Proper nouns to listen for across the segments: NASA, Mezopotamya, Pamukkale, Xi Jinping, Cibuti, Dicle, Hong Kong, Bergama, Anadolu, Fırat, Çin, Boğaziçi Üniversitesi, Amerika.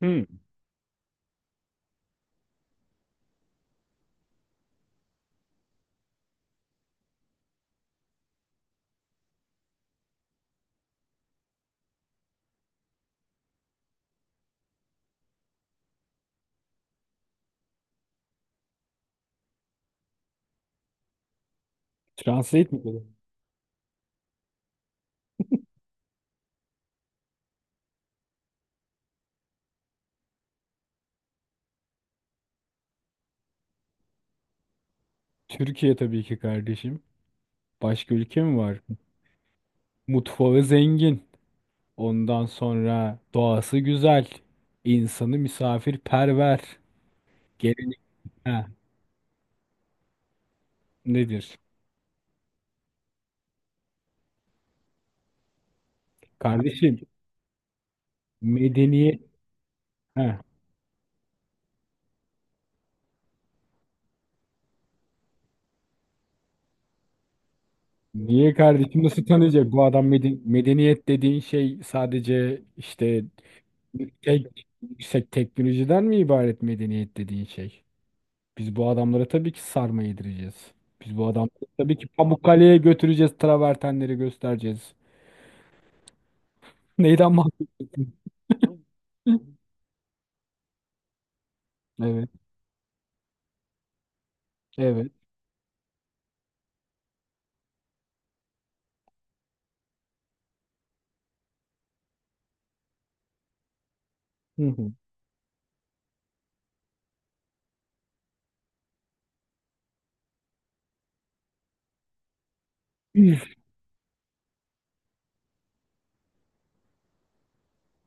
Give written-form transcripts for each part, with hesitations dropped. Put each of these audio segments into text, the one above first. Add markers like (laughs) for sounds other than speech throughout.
Hmm. Translate mi dedi? Türkiye tabii ki kardeşim. Başka ülke mi var? Mutfağı zengin. Ondan sonra doğası güzel. İnsanı misafirperver. Gelenek ha, nedir? Kardeşim medeniyet ha. Niye kardeşim nasıl tanıyacak? Bu adam medeniyet dediğin şey sadece işte tek, yüksek teknolojiden mi ibaret medeniyet dediğin şey? Biz bu adamlara tabii ki sarma yedireceğiz. Biz bu adamları tabii ki Pamukkale'ye götüreceğiz. Travertenleri göstereceğiz. (laughs) Neyden bahsediyorsun? Evet. Evet. Hı hı. Üf,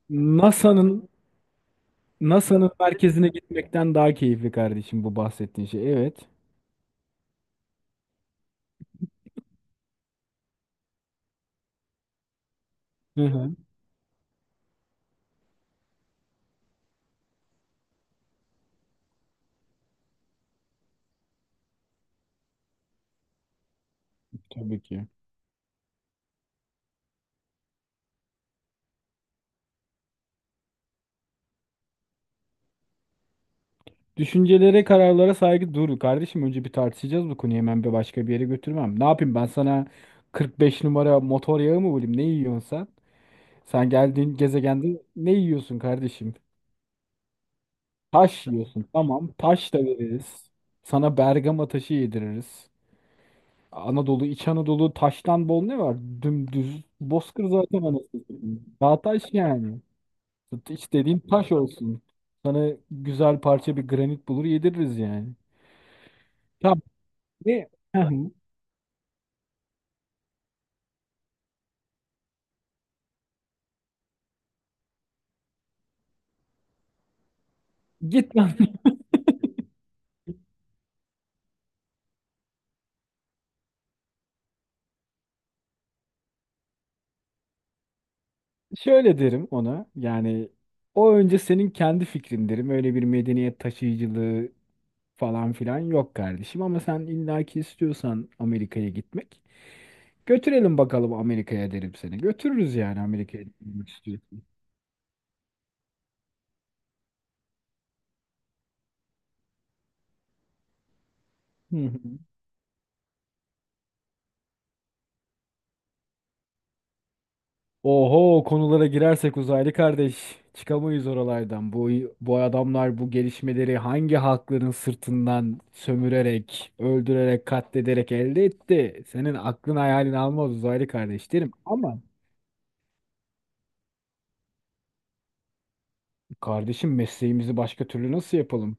NASA'nın NASA'nın merkezine gitmekten daha keyifli kardeşim bu bahsettiğin şey. Evet. Hı hı. Tabii ki. Düşüncelere, kararlara saygı dur kardeşim. Önce bir tartışacağız bu konuyu. Hemen bir başka bir yere götürmem. Ne yapayım ben sana 45 numara motor yağı mı bulayım? Ne yiyorsun sen? Sen geldiğin gezegende ne yiyorsun kardeşim? Taş yiyorsun. Tamam. Taş da veririz. Sana Bergama taşı yediririz. Anadolu, İç Anadolu taştan bol ne var? Dümdüz. Bozkır zaten anasını satayım. Daha taş yani. Hiç dediğin taş olsun. Sana güzel parça bir granit bulur yediririz yani. Tamam. Ne? Hı hı. Git lan. (laughs) Şöyle derim ona. Yani o önce senin kendi fikrin derim. Öyle bir medeniyet taşıyıcılığı falan filan yok kardeşim ama sen illaki istiyorsan Amerika'ya gitmek götürelim bakalım Amerika'ya derim seni. Götürürüz yani Amerika'ya gitmek istiyorsan. Hı hı. Oho konulara girersek uzaylı kardeş çıkamayız oralardan. Bu adamlar bu gelişmeleri hangi halkların sırtından sömürerek, öldürerek, katlederek elde etti? Senin aklın hayalin almaz uzaylı kardeş derim. Ama kardeşim mesleğimizi başka türlü nasıl yapalım?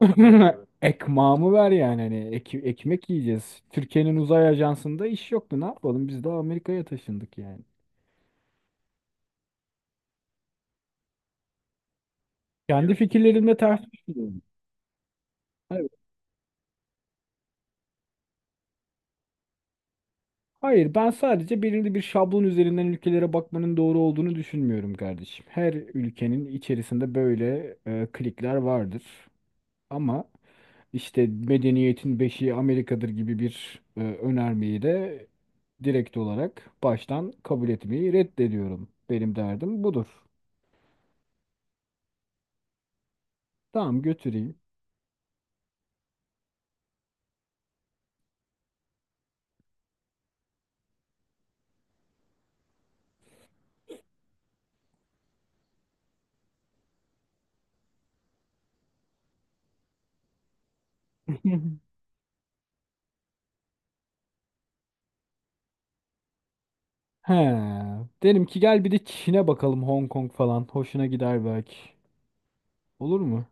(laughs) Ekmağımı ver yani hani ekmek yiyeceğiz. Türkiye'nin uzay ajansında iş yoktu. Ne yapalım? Biz de Amerika'ya taşındık yani. Kendi fikirlerimle ters düşünüyorum. Hayır, hayır, ben sadece belirli bir şablon üzerinden ülkelere bakmanın doğru olduğunu düşünmüyorum kardeşim. Her ülkenin içerisinde böyle klikler vardır. Ama işte medeniyetin beşiği Amerika'dır gibi bir önermeyi de direkt olarak baştan kabul etmeyi reddediyorum. Benim derdim budur. Tamam götüreyim. (laughs) He. Derim ki gel bir de Çin'e bakalım Hong Kong falan. Hoşuna gider belki. Olur mu?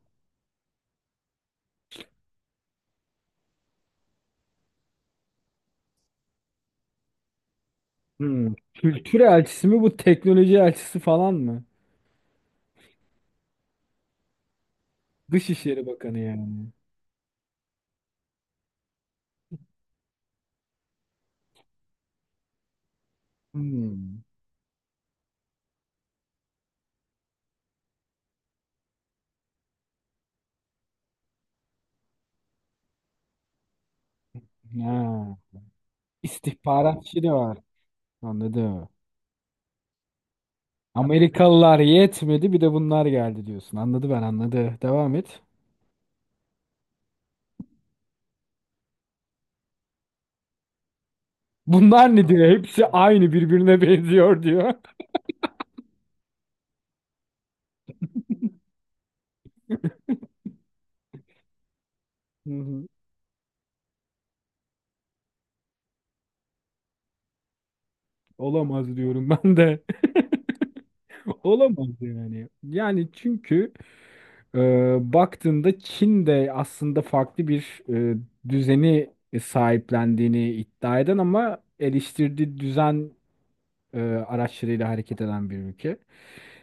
Hmm. Kültür elçisi mi bu teknoloji elçisi falan mı? Dışişleri Bakanı yani. Hmm. Ha. İstihbaratçı da var. Anladı. Amerikalılar yetmedi bir de bunlar geldi diyorsun. Anladı ben anladı. Devam et. Bunlar ne diyor? Hepsi aynı birbirine benziyor diyor. (laughs) Hı hı. Olamaz diyorum ben de. (laughs) Olamaz yani. Yani çünkü e, baktığında Çin de aslında farklı bir düzeni sahiplendiğini iddia eden ama eleştirdiği düzen araçlarıyla hareket eden bir ülke.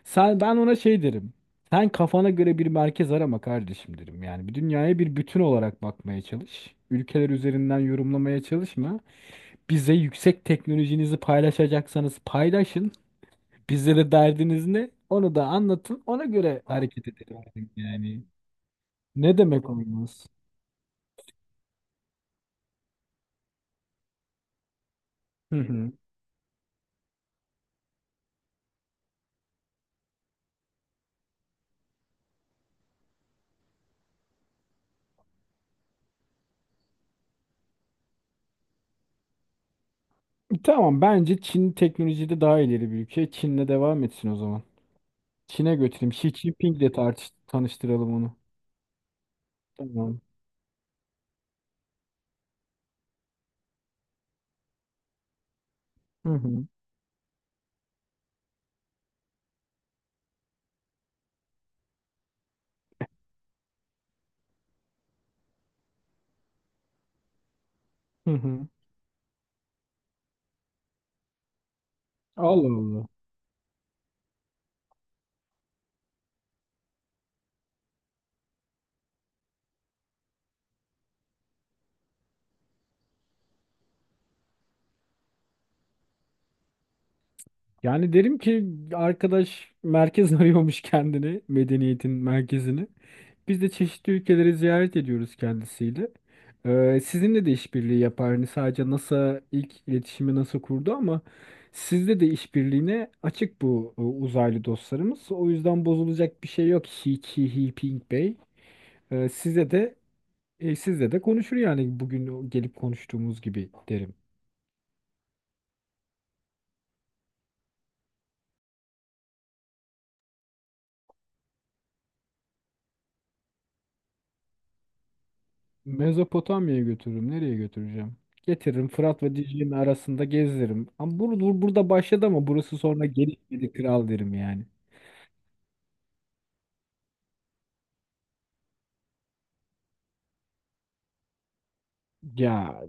Sen ben ona şey derim. Sen kafana göre bir merkez arama kardeşim derim. Yani bir dünyaya bir bütün olarak bakmaya çalış. Ülkeler üzerinden yorumlamaya çalışma. Bize yüksek teknolojinizi paylaşacaksanız paylaşın. Bize de derdiniz ne? Onu da anlatın. Ona göre hareket edelim yani. Ne demek olmaz? Hı hı. Tamam bence Çin teknolojide daha ileri bir ülke. Çin'le devam etsin o zaman. Çin'e götüreyim. Xi Jinping'le tartış tanıştıralım onu. Tamam. Hı hı. Hı hı. Allah Allah. Yani derim ki arkadaş merkez (laughs) arıyormuş kendini, medeniyetin merkezini. Biz de çeşitli ülkeleri ziyaret ediyoruz kendisiyle. Sizinle de işbirliği yapar. Hani sadece NASA ilk iletişimi NASA kurdu ama sizde de işbirliğine açık bu uzaylı dostlarımız. O yüzden bozulacak bir şey yok. Hi Ki Hi Ping Bey. Size de sizle de konuşur yani bugün o gelip konuştuğumuz gibi derim. Mezopotamya'ya götürürüm. Nereye götüreceğim? Getiririm Fırat ve Dicle'nin arasında gezdiririm. Ama burada başladı ama burası sonra gelişmedi kral derim yani. Ya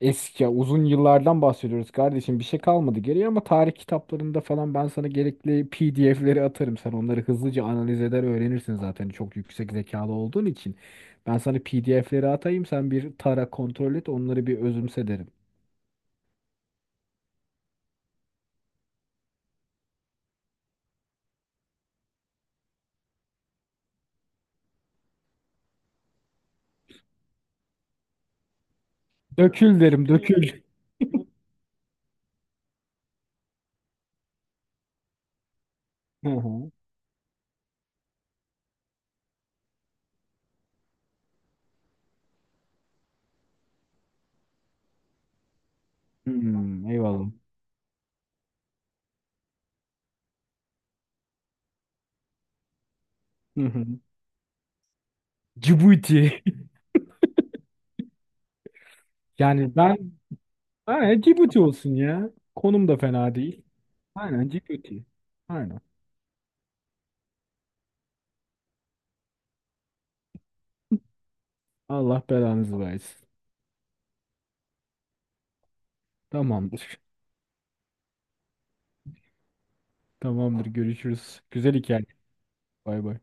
eski ya uzun yıllardan bahsediyoruz kardeşim. Bir şey kalmadı geriye ama tarih kitaplarında falan ben sana gerekli PDF'leri atarım. Sen onları hızlıca analiz eder öğrenirsin zaten çok yüksek zekalı olduğun için. Ben sana PDF'leri atayım sen bir tara kontrol et onları bir özümse derim. Dökül derim dökül. Hı hı. Hmm, eyvallah. Hı hı. Cibuti. (laughs) Yani ben aynen Cibuti olsun ya. Konum da fena değil. Aynen Cibuti. Aynen. Allah belanızı versin. Tamamdır. Tamamdır görüşürüz. Güzel hikaye. Bay bay.